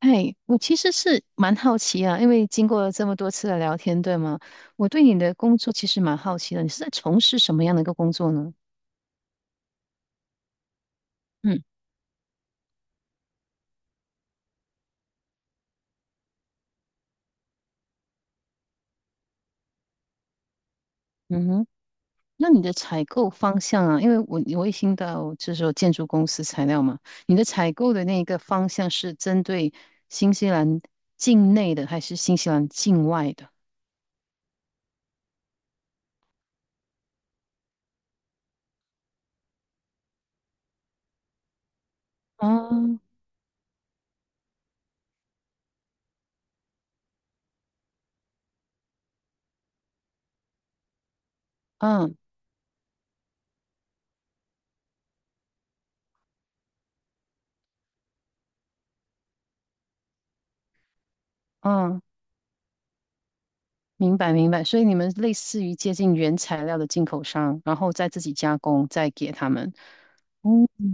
哎，我其实是蛮好奇啊，因为经过了这么多次的聊天，对吗？我对你的工作其实蛮好奇的，你是在从事什么样的一个工作呢？嗯。嗯哼。那你的采购方向啊，因为我也听到就是说建筑公司材料嘛，你的采购的那个方向是针对新西兰境内的还是新西兰境外的？哦。嗯嗯。明白明白，所以你们类似于接近原材料的进口商，然后再自己加工，再给他们。嗯，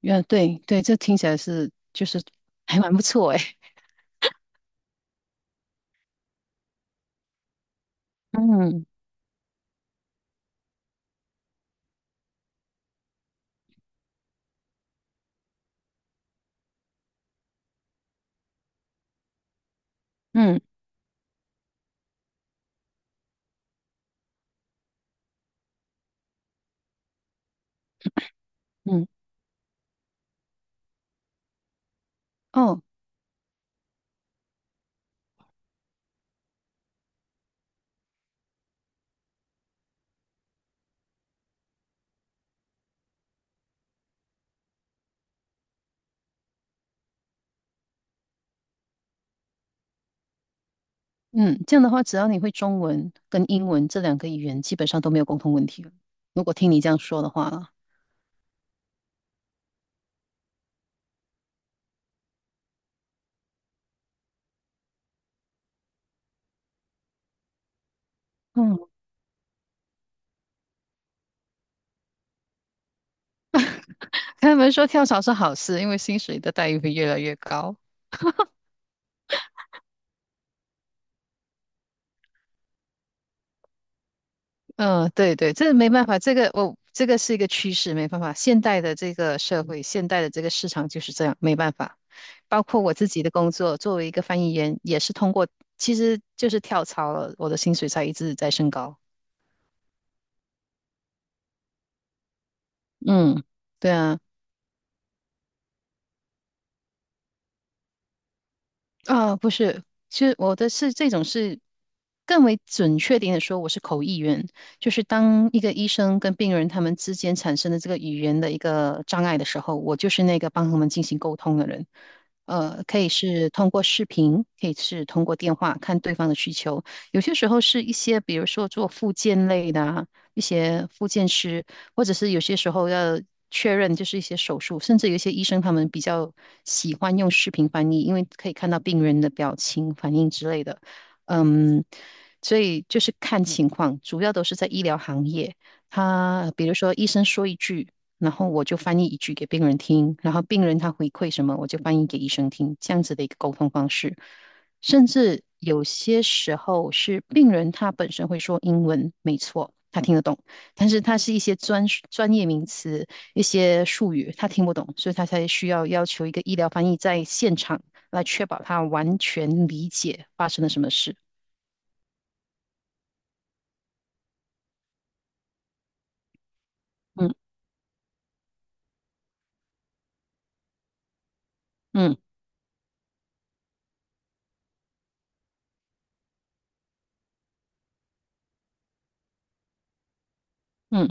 对对，这听起来就是还蛮不错诶。嗯嗯嗯。哦。嗯，这样的话，只要你会中文跟英文这两个语言，基本上都没有沟通问题了。如果听你这样说的话，嗯。他们说跳槽是好事，因为薪水的待遇会越来越高。嗯，对对，这没办法，这个我、这个是一个趋势，没办法。现代的这个社会，现代的这个市场就是这样，没办法。包括我自己的工作，作为一个翻译员，也是通过，其实就是跳槽了，我的薪水才一直在升高。嗯，对啊。啊，不是，其实我的是这种是更为准确点的说，我是口译员，就是当一个医生跟病人他们之间产生的这个语言的一个障碍的时候，我就是那个帮他们进行沟通的人。可以是通过视频，可以是通过电话，看对方的需求。有些时候是一些，比如说做复健类的啊，一些复健师，或者是有些时候要确认，就是一些手术，甚至有一些医生他们比较喜欢用视频翻译，因为可以看到病人的表情、反应之类的。嗯，所以就是看情况，主要都是在医疗行业。他比如说医生说一句，然后我就翻译一句给病人听，然后病人他回馈什么，我就翻译给医生听，这样子的一个沟通方式。甚至有些时候是病人他本身会说英文，没错，他听得懂，但是它是一些专业名词、一些术语，他听不懂，所以他才需要要求一个医疗翻译在现场来确保他完全理解发生了什么事。嗯嗯嗯，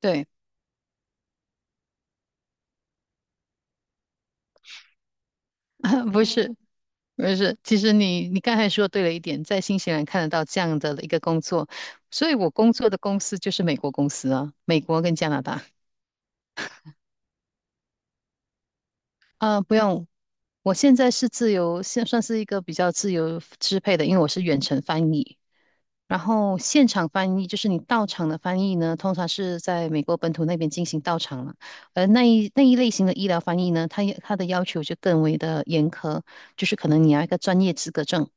对，不是不是，其实你刚才说对了一点，在新西兰看得到这样的一个工作，所以我工作的公司就是美国公司啊，美国跟加拿大。啊，不用。我现在是自由，现算是一个比较自由支配的，因为我是远程翻译，然后现场翻译就是你到场的翻译呢，通常是在美国本土那边进行到场了。而那一类型的医疗翻译呢，它的要求就更为的严苛，就是可能你要一个专业资格证。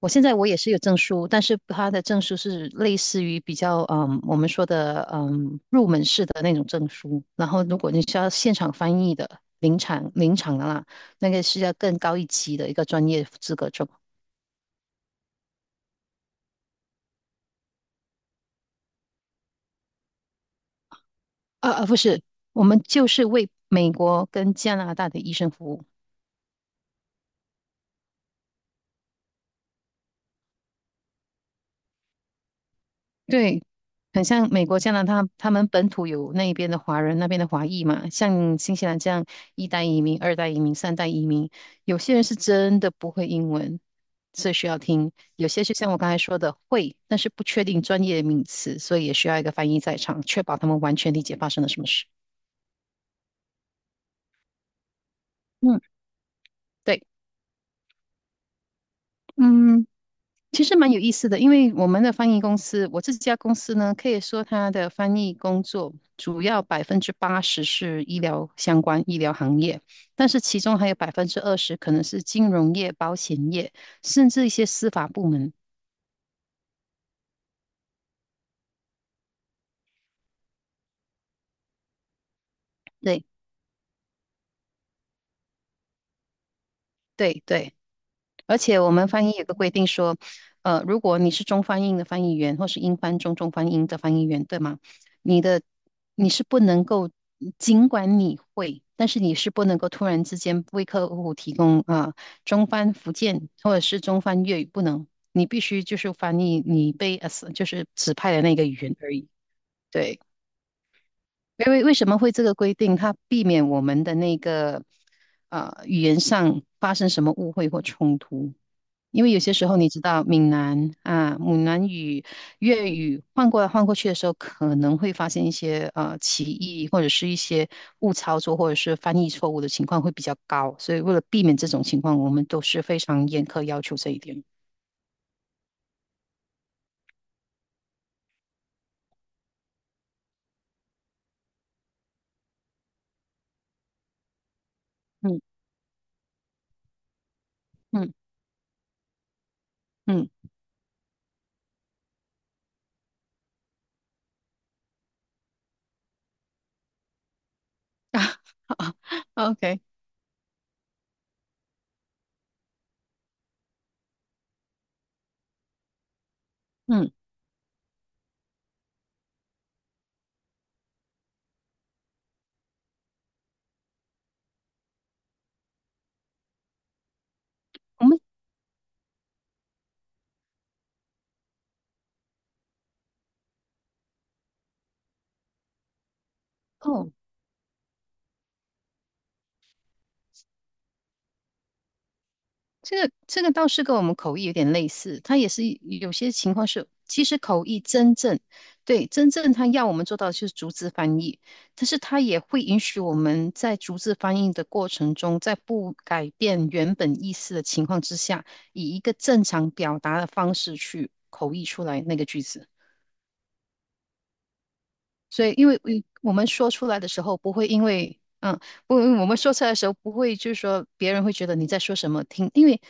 我现在我也是有证书，但是它的证书是类似于比较我们说的入门式的那种证书。然后如果你是要现场翻译的临场的啦，那个是要更高一级的一个专业资格证。啊啊，不是，我们就是为美国跟加拿大的医生服务。对，很像美国、加拿大，他们本土有那边的华人，那边的华裔嘛，像新西兰这样一代移民、二代移民、三代移民，有些人是真的不会英文，所以需要听；有些是像我刚才说的会，但是不确定专业名词，所以也需要一个翻译在场，确保他们完全理解发生了什么事。嗯，对，嗯。其实蛮有意思的，因为我们的翻译公司，我这家公司呢，可以说它的翻译工作主要80%是医疗相关、医疗行业，但是其中还有20%可能是金融业、保险业，甚至一些司法部门。对对对，而且我们翻译有个规定说，如果你是中翻英的翻译员，或是英翻中、中翻英的翻译员，对吗？你的你是不能够，尽管你会，但是你是不能够突然之间为客户提供啊、中翻福建或者是中翻粤语，不能，你必须就是翻译你被 就是指派的那个语言而已。对，因为为什么会这个规定？它避免我们的那个语言上发生什么误会或冲突。因为有些时候你知道，闽南啊、闽南语、粤语换过来换过去的时候，可能会发现一些歧义，或者是一些误操作，或者是翻译错误的情况会比较高。所以为了避免这种情况，我们都是非常严苛要求这一点。嗯嗯嗯 啊，OK，嗯，我们哦。这个倒是跟我们口译有点类似，它也是有些情况是，其实口译真正。对，它要我们做到的就是逐字翻译，但是它也会允许我们在逐字翻译的过程中，在不改变原本意思的情况之下，以一个正常表达的方式去口译出来那个句子。所以，因为我们说出来的时候，不会因为，不，我们说出来的时候，不会就是说别人会觉得你在说什么听，因为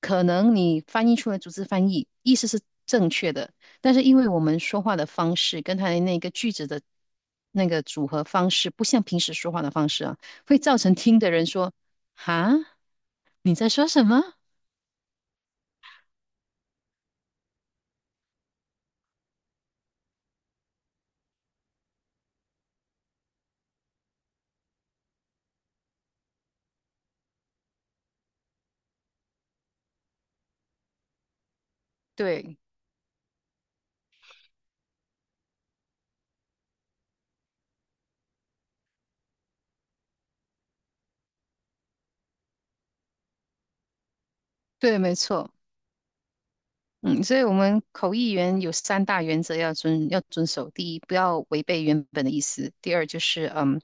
可能你翻译出来逐字翻译，意思是正确的，但是因为我们说话的方式跟他的那个句子的那个组合方式，不像平时说话的方式啊，会造成听的人说哈，你在说什么？对对，没错。嗯，所以我们口译员有三大原则要遵守。第一，不要违背原本的意思；第二，就是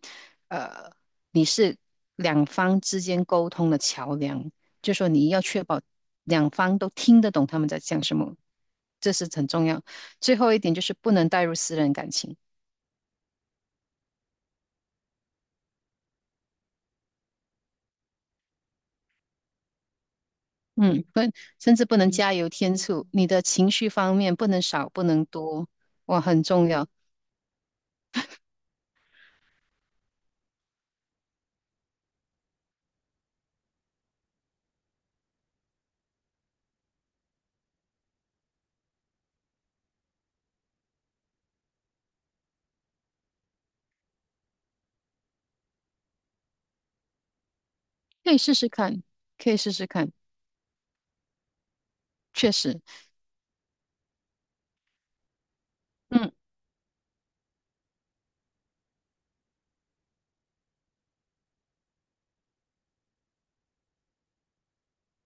呃，你是两方之间沟通的桥梁，就说你要确保两方都听得懂他们在讲什么，这是很重要。最后一点就是不能带入私人感情，嗯，不，甚至不能加油添醋。你的情绪方面不能少，不能多，哇，很重要。可以试试看，可以试试看，确实。嗯。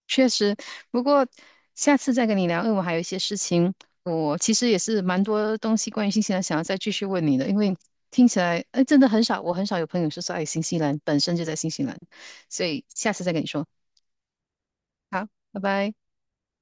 确实，不过下次再跟你聊，因为我还有一些事情，我其实也是蛮多东西关于新西兰想要再继续问你的，因为听起来，哎，真的很少，我很少有朋友是在新西兰，本身就在新西兰，所以下次再跟你说。好，拜拜。